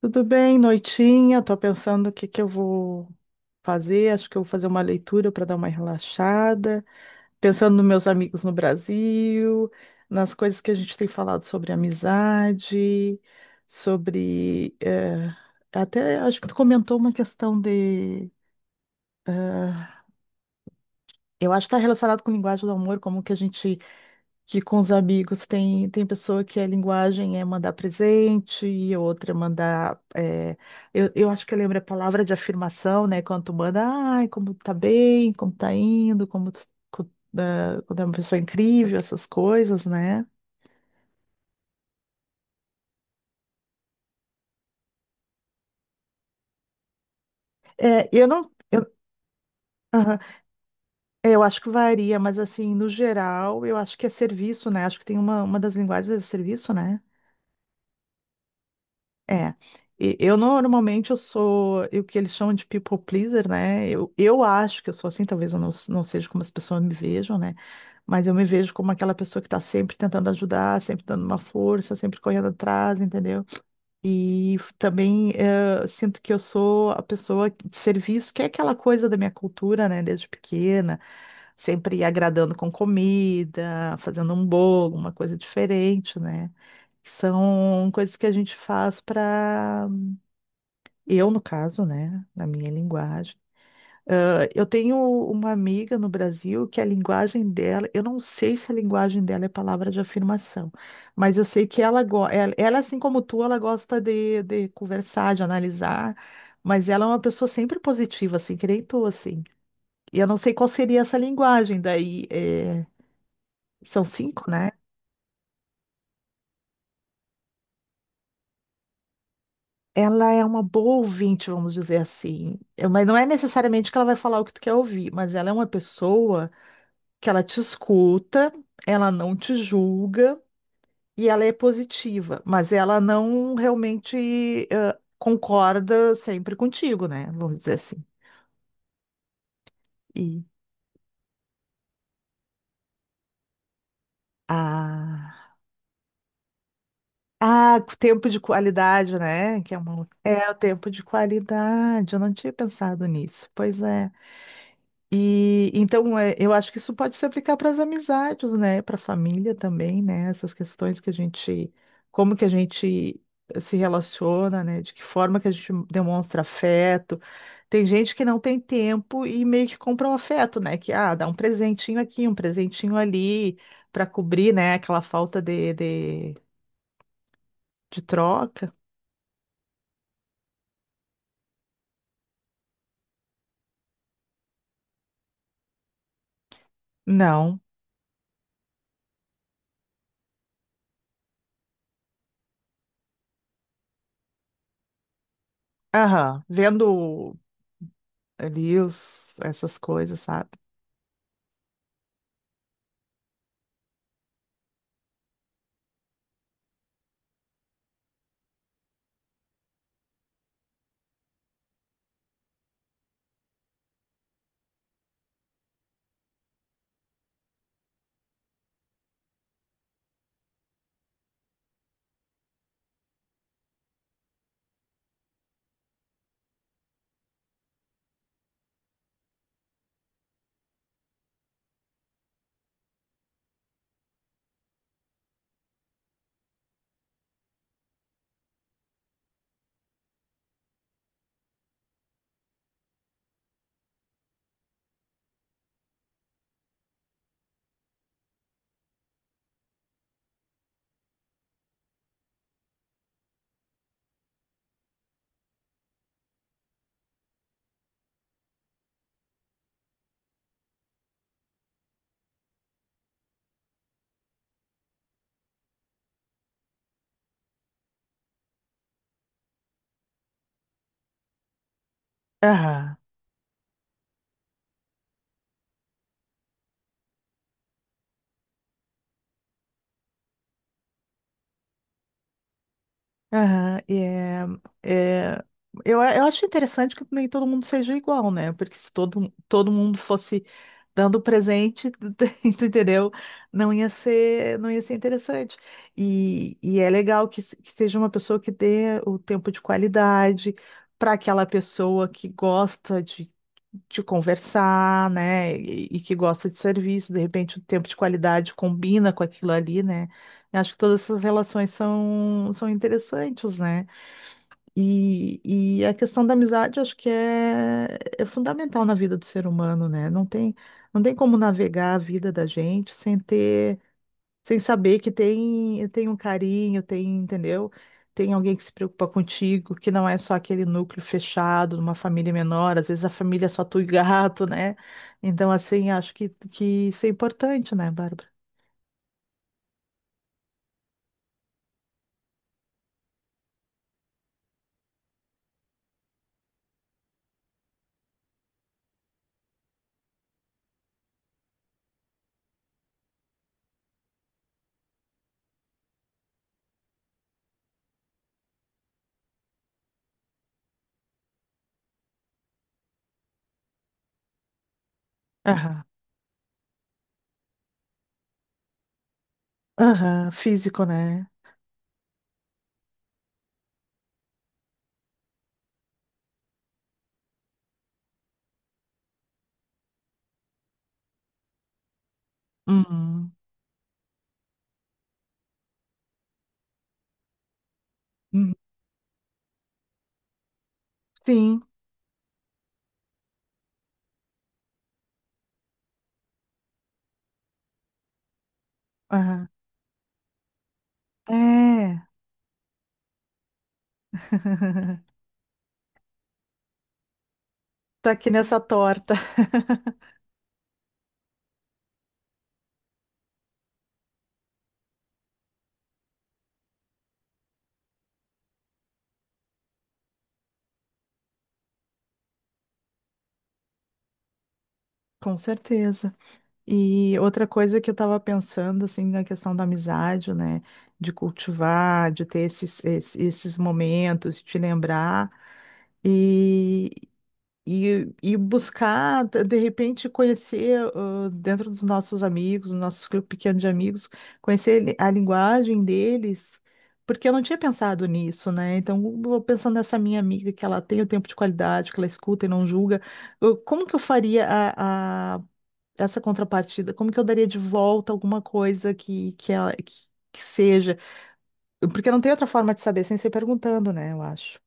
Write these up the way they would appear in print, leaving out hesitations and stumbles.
Tudo bem, noitinha. Tô pensando o que que eu vou fazer. Acho que eu vou fazer uma leitura para dar uma relaxada. Pensando nos meus amigos no Brasil, nas coisas que a gente tem falado sobre amizade, sobre até acho que tu comentou uma questão de eh, eu acho que está relacionado com linguagem do amor, como que a gente que com os amigos tem pessoa que a linguagem é mandar presente e outra é mandar. É, eu acho que eu lembro a palavra de afirmação, né? Quando tu manda, ai, como tu tá bem, como tá indo, como, tu- co- ah, quando é uma pessoa incrível, essas coisas, né? É, eu não. Eu, aham. É, eu acho que varia, mas assim, no geral, eu acho que é serviço, né? Acho que tem uma das linguagens é serviço, né? É, eu normalmente eu sou o que eles chamam de people pleaser, né? Eu, acho que eu sou assim, talvez eu não, não seja como as pessoas me vejam, né? Mas eu me vejo como aquela pessoa que tá sempre tentando ajudar, sempre dando uma força, sempre correndo atrás, entendeu? E também sinto que eu sou a pessoa de serviço, que é aquela coisa da minha cultura, né? Desde pequena, sempre agradando com comida, fazendo um bolo, uma coisa diferente, né? São coisas que a gente faz para eu, no caso, né, na minha linguagem. Ah, eu tenho uma amiga no Brasil que a linguagem dela, eu não sei se a linguagem dela é palavra de afirmação, mas eu sei que ela, assim como tu, ela gosta de conversar, de analisar, mas ela é uma pessoa sempre positiva, assim, que nem tu, assim. E eu não sei qual seria essa linguagem, daí é, são cinco, né? Ela é uma boa ouvinte, vamos dizer assim. Mas não é necessariamente que ela vai falar o que tu quer ouvir, mas ela é uma pessoa que ela te escuta, ela não te julga e ela é positiva, mas ela não realmente concorda sempre contigo, né? Vamos dizer assim. E ah, o tempo de qualidade, né? Que é uma outra. É o tempo de qualidade. Eu não tinha pensado nisso. Pois é. E então é, eu acho que isso pode se aplicar para as amizades, né? Para a família também, né? Essas questões que a gente, como que a gente se relaciona, né? De que forma que a gente demonstra afeto. Tem gente que não tem tempo e meio que compra um afeto, né? Que ah, dá um presentinho aqui, um presentinho ali, para cobrir, né? Aquela falta de troca. Não. Aham. Vendo ali os, essas coisas, sabe? Aham. Aham, é, eu acho interessante que nem todo mundo seja igual, né? Porque se todo mundo fosse dando presente, tu entendeu? Não ia ser interessante. E é legal que, que seja uma pessoa que dê o tempo de qualidade para aquela pessoa que gosta de conversar, né? E que gosta de serviço, de repente o tempo de qualidade combina com aquilo ali, né? Eu acho que todas essas relações são, são interessantes, né? E a questão da amizade, acho que é, é fundamental na vida do ser humano, né? Não tem, não tem como navegar a vida da gente sem ter, sem saber que tem, tem um carinho, tem, entendeu? Tem alguém que se preocupa contigo, que não é só aquele núcleo fechado, numa família menor, às vezes a família é só tu e gato, né? Então, assim, acho que isso é importante, né, Bárbara? Aham, aham, físico, né? Uhum. Uhum. Sim. Aham. É. Tá aqui nessa torta, com certeza. E outra coisa que eu estava pensando, assim, na questão da amizade, né? De cultivar, de ter esses momentos, de te lembrar. E, e e buscar, de repente, conhecer ah, dentro dos nossos amigos, do nosso grupo pequeno de amigos, conhecer a linguagem deles, porque eu não tinha pensado nisso, né? Então, eu pensando nessa minha amiga, que ela tem o tempo de qualidade, que ela escuta e não julga, como que eu faria essa contrapartida? Como que eu daria de volta alguma coisa que seja? Porque não tem outra forma de saber sem ser perguntando, né? Eu acho.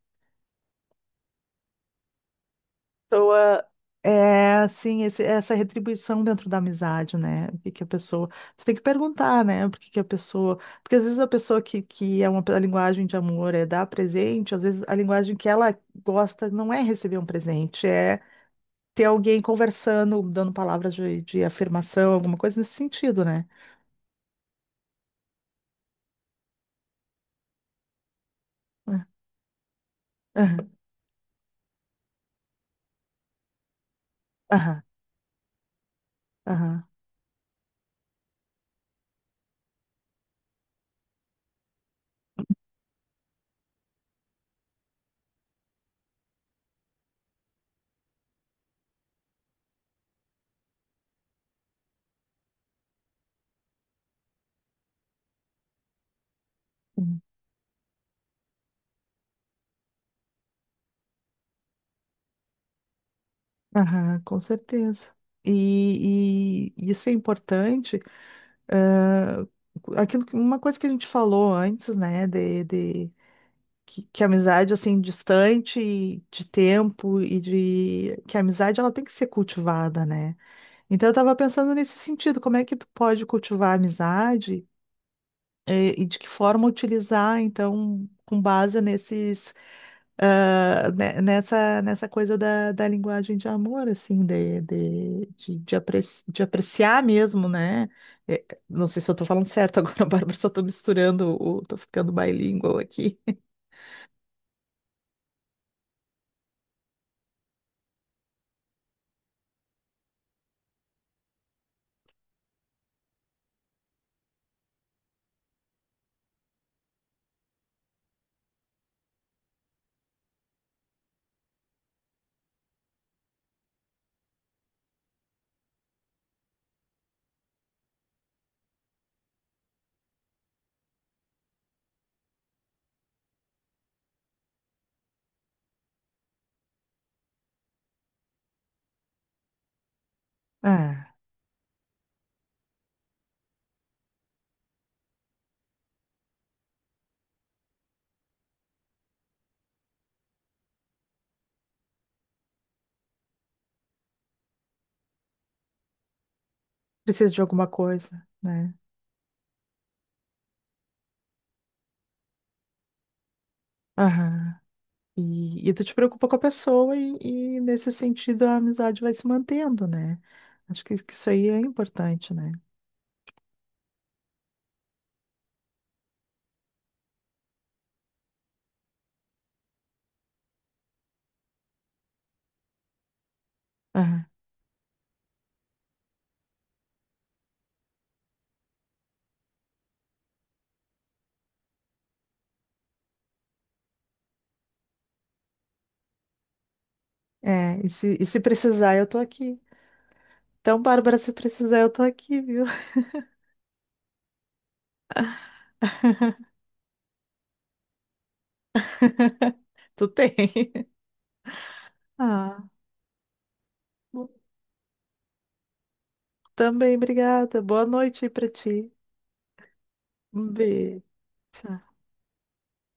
Pessoa é assim, essa retribuição dentro da amizade, né? O que que a pessoa. Você tem que perguntar, né? Por que que a pessoa. Porque às vezes a pessoa que é uma a linguagem de amor é dar presente, às vezes a linguagem que ela gosta não é receber um presente, é ter alguém conversando, dando palavras de afirmação, alguma coisa nesse sentido, né? É, Aham, aham, aham, aham, com certeza. E isso é importante. Ah, aquilo, uma coisa que a gente falou antes, né, de que a amizade, assim, distante e de tempo e de que a amizade, ela tem que ser cultivada, né? Então, eu tava pensando nesse sentido, como é que tu pode cultivar a amizade e de que forma utilizar, então, com base nesses, ah, nessa, nessa coisa da, da linguagem de amor, assim, de de apreciar mesmo, né? Não sei se eu estou falando certo agora, Bárbara, só estou misturando, o, tô ficando bilingual aqui. Ah, precisa de alguma coisa, né? Aham. E tu te preocupa com a pessoa e, nesse sentido, a amizade vai se mantendo, né? Acho que isso aí é importante, né? É, e se precisar, eu tô aqui. Então, Bárbara, se precisar, eu tô aqui, viu? Tu tem. Ah, bom, também, obrigada. Boa noite aí pra ti. Um beijo. Tchau.